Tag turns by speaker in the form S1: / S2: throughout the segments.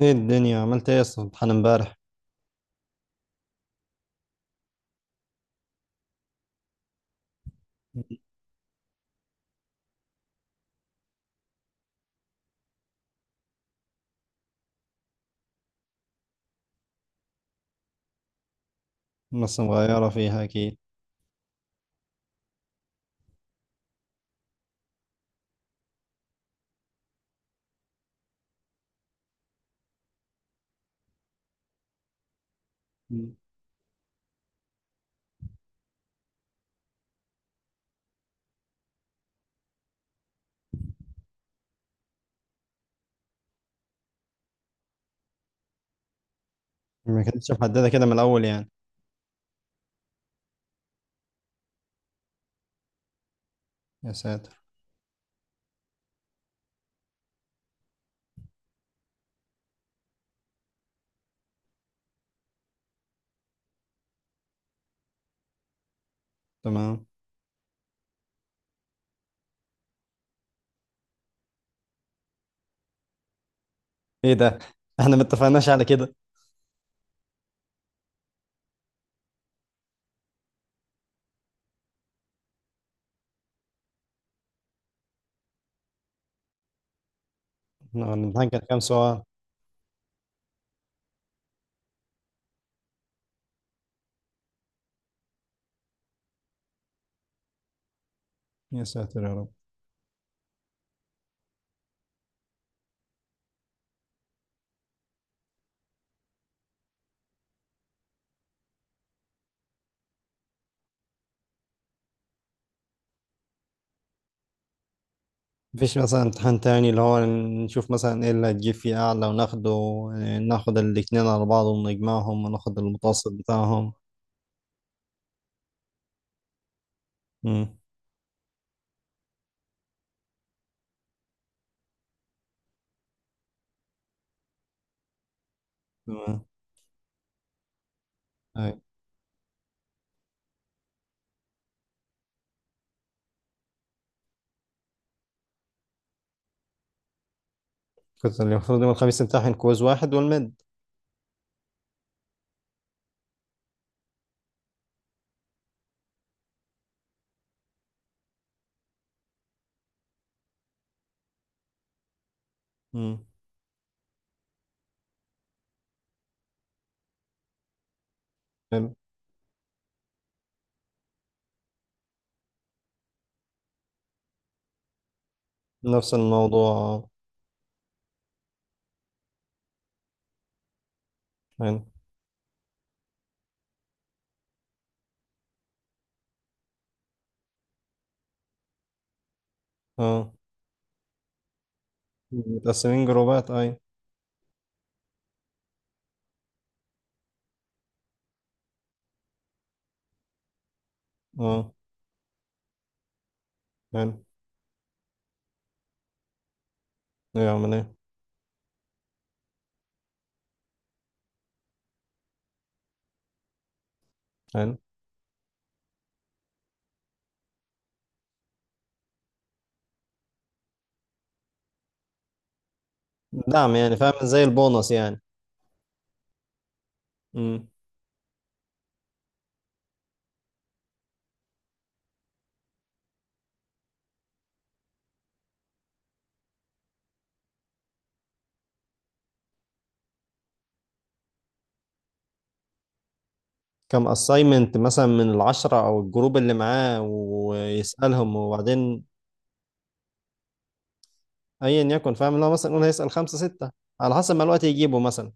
S1: ايه الدنيا عملت ايه اصلا، امتحان امبارح؟ نص مغيرة فيها اكيد. مم. ما كانتش محددة كده من الاول يعني. يا ساتر. تمام. ايه ده، احنا ما اتفقناش على كده. إحنا الامتحان كان كام سؤال؟ يا ساتر يا رب. مفيش مثلا امتحان تاني اللي هو نشوف مثلا ايه اللي هتجيب فيه اعلى وناخده؟ إيه، ناخد الاتنين على بعض ونجمعهم وناخد المتوسط بتاعهم. امم. تمام. أي. كنت المفروض يوم الخميس امتحن كويز واحد والمد. امم. حلو. نفس الموضوع. حلو. اه، متقسمين جروبات اي. اه. حلو. يعمل ايه؟ حلو. دعم يعني، فاهم، زي البونص يعني. امم. كم اساينمنت مثلا من العشرة او الجروب اللي معاه، ويسألهم وبعدين؟ ايا يكن، فاهم، اللي هو مثلا يقول هيسأل خمسة ستة، على حسب ما الوقت يجيبه مثلا.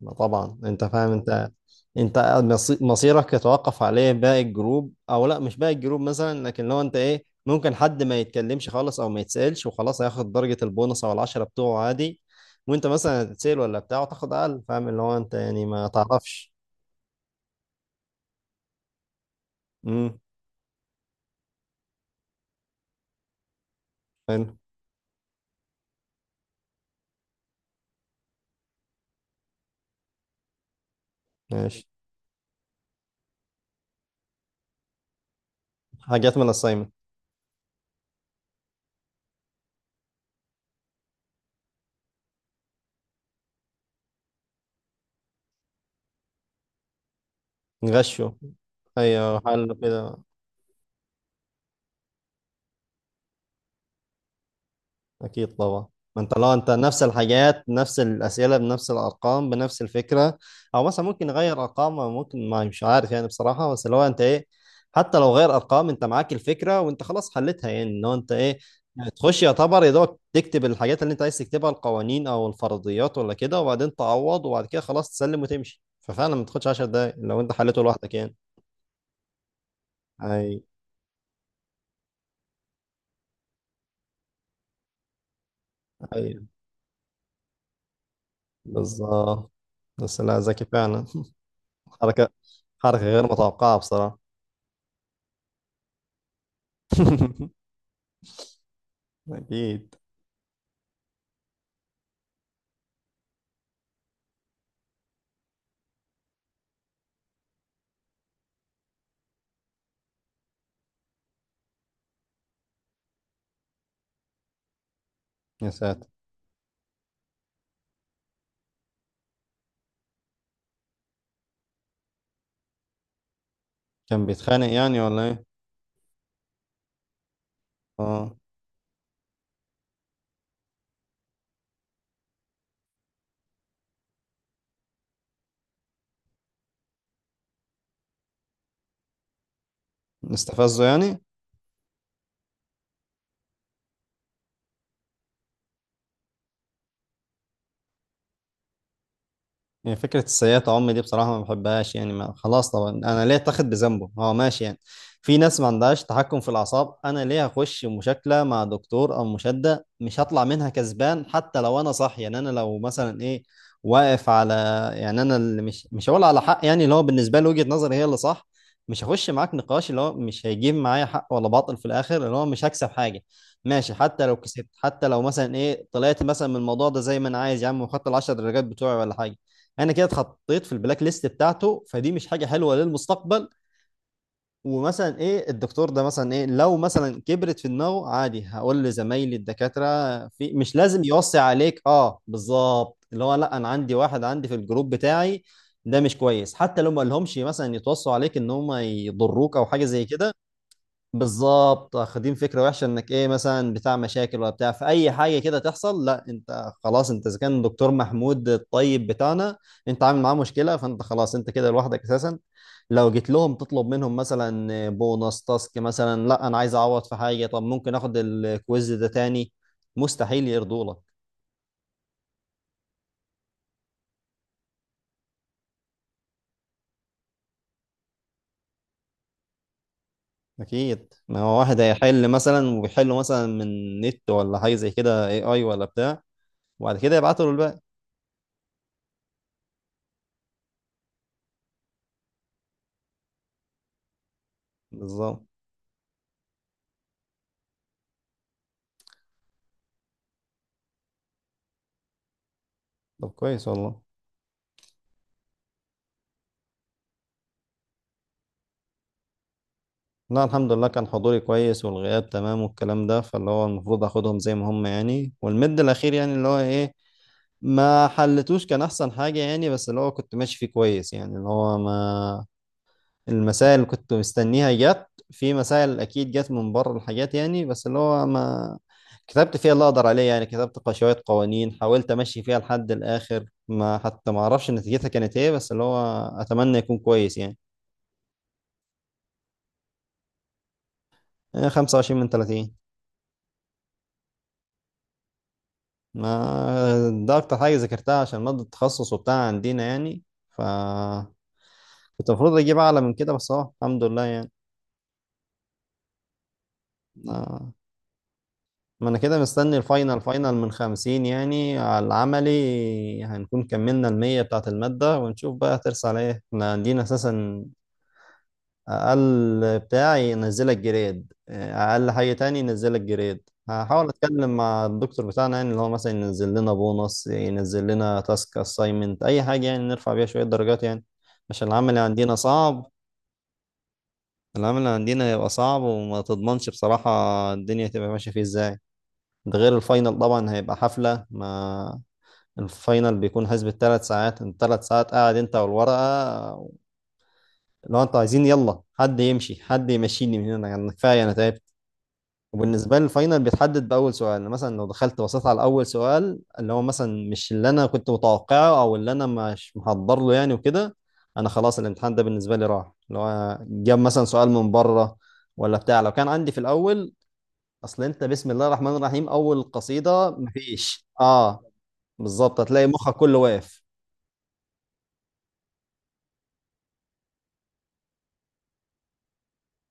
S1: ما طبعا انت فاهم، انت انت مصي- مصيرك يتوقف عليه، باقي الجروب او لا مش باقي الجروب مثلا، لكن لو انت ايه ممكن حد ما يتكلمش خالص او ما يتسألش وخلاص، هياخد درجة البونص او العشرة بتوعه عادي. وانت مثلا هتتسأل ولا بتاعه تاخد اقل، فاهم اللي هو انت يعني ما تعرفش. امم. حلو. ماشي. حاجات من الاساينمنت. غشوا. ايوه، حلو كده. اكيد طبعا. ما انت لو انت نفس الحاجات، نفس الاسئله بنفس الارقام بنفس الفكره، او مثلا ممكن نغير ارقام، أو ممكن ما مش عارف يعني بصراحه، بس لو انت ايه، حتى لو غير ارقام انت معاك الفكره وانت خلاص حلتها يعني، ان هو انت ايه تخش يعتبر يا دوبك تكتب الحاجات اللي انت عايز تكتبها، القوانين او الفرضيات ولا كده، وبعدين تعوض، وبعد كده خلاص تسلم وتمشي، ففعلا ما تاخدش 10 دقايق لو انت حلته لوحدك يعني. اي اي. بالظبط. بس لا، ذكي فعلا. حركه، حركه غير متوقعه بصراحه. أكيد. يا ساتر. كان بيتخانق يعني ولا إيه؟ آه. نستفزه يعني؟ يعني فكرة السيئة عم دي بصراحة ما بحبهاش يعني، ما خلاص طبعا أنا ليه أتاخد بذنبه هو، ماشي يعني. في ناس ما عندهاش تحكم في الأعصاب، أنا ليه أخش مشاكلة مع دكتور أو مشادة مش هطلع منها كسبان، حتى لو أنا صح يعني. أنا لو مثلا إيه واقف على، يعني أنا اللي مش هقول على حق يعني، اللي هو بالنسبة لي وجهة نظري هي اللي صح. مش هخش معاك نقاش اللي هو مش هيجيب معايا حق ولا باطل في الآخر، اللي هو مش هكسب حاجة. ماشي حتى لو كسبت، حتى لو مثلا إيه طلعت مثلا من الموضوع ده زي ما أنا عايز يا عم، وخدت العشر درجات بتوعي ولا حاجة، انا كده اتحطيت في البلاك ليست بتاعته، فدي مش حاجه حلوه للمستقبل. ومثلا ايه، الدكتور ده مثلا ايه لو مثلا كبرت في دماغه، عادي هقول لزمايلي الدكاتره، في مش لازم يوصي عليك، اه بالظبط اللي هو لا، انا عندي واحد عندي في الجروب بتاعي ده مش كويس. حتى لو ما قالهمش مثلا يتوصوا عليك ان هم يضروك او حاجه زي كده، بالظبط واخدين فكره وحشه انك ايه مثلا بتاع مشاكل ولا بتاع في اي حاجه كده تحصل، لا انت خلاص انت، اذا كان دكتور محمود الطيب بتاعنا انت عامل معاه مشكله، فانت خلاص انت كده لوحدك اساسا. لو جيت لهم تطلب منهم مثلا بونص تاسك مثلا، لا انا عايز اعوض في حاجه، طب ممكن اخد الكويز ده تاني، مستحيل يرضوا لك. اكيد، ما هو واحد هيحل مثلا ويحله مثلا من نت ولا حاجه زي كده، اي ولا بتاع. وبعد كده يبعتوا له الباقي. بالظبط. طب كويس والله. لا الحمد لله، كان حضوري كويس والغياب تمام والكلام ده، فاللي هو المفروض اخدهم زي ما هم يعني، والمد الاخير يعني اللي هو ايه ما حلتوش كان احسن حاجة يعني، بس اللي هو كنت ماشي فيه كويس يعني، اللي هو ما المسائل اللي كنت مستنيها جت، في مسائل اكيد جت من بره الحاجات يعني، بس اللي هو ما كتبت فيها اللي اقدر عليه يعني، كتبت شوية قوانين حاولت امشي فيها لحد الاخر، ما حتى ما اعرفش نتيجتها كانت ايه، بس اللي هو اتمنى يكون كويس يعني. 25 من 30. ما ده اكتر حاجه ذاكرتها عشان ماده التخصص وبتاع عندنا يعني. ف كنت المفروض اجيب اعلى من كده، بس اهو الحمد لله يعني. آه، ما انا كده مستني الفاينل، فاينل من خمسين يعني، على العملي هنكون كملنا المية بتاعت المادة، ونشوف بقى هترسى على ايه، احنا عندنا اساسا اقل بتاعي ينزلك جريد، اقل حاجه تاني ينزلك جريد. هحاول اتكلم مع الدكتور بتاعنا يعني اللي هو مثلا ينزل لنا بونص، ينزل لنا تاسك اساينمنت اي حاجه يعني نرفع بيها شويه درجات يعني، عشان العمل عندنا صعب. العمل عندنا هيبقى صعب وما تضمنش بصراحه الدنيا هتبقى ماشيه فيه ازاي، ده غير الفاينل طبعا هيبقى حفله. ما الفاينل بيكون حسب الثلاث ساعات، الثلاث ساعات قاعد انت والورقه، لو انتوا عايزين يلا حد يمشي، حد يمشيني من هنا يعني كفايه انا تعبت. وبالنسبة لي الفاينل بيتحدد بأول سؤال، يعني مثلا لو دخلت بصيت على أول سؤال اللي هو مثلا مش اللي أنا كنت متوقعه أو اللي أنا مش محضر له يعني وكده، أنا خلاص الامتحان ده بالنسبة لي راح، اللي هو جاب مثلا سؤال من بره ولا بتاع، لو كان عندي في الأول أصل أنت بسم الله الرحمن الرحيم، أول قصيدة مفيش أه، بالظبط هتلاقي مخك كله واقف.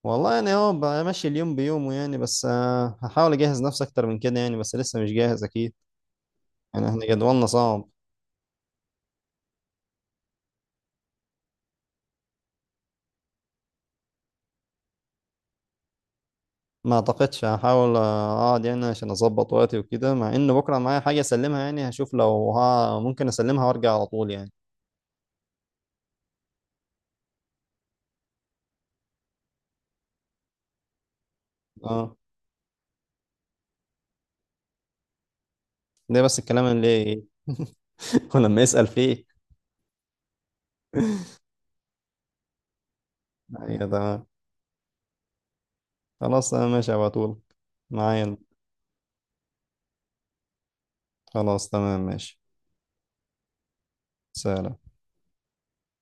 S1: والله يعني هو بمشي اليوم بيومه يعني، بس هحاول أجهز نفسي أكتر من كده يعني، بس لسه مش جاهز أكيد. يعني احنا جدولنا صعب. ما اعتقدش، هحاول اقعد يعني عشان اظبط وقتي وكده، مع ان بكره معايا حاجه اسلمها يعني، هشوف لو ها ممكن اسلمها وارجع على طول يعني. اه ده بس الكلام اللي ولما يسأل فيه. ايوه تمام. خلاص انا ماشي على طول معايا. خلاص تمام ماشي. سلام.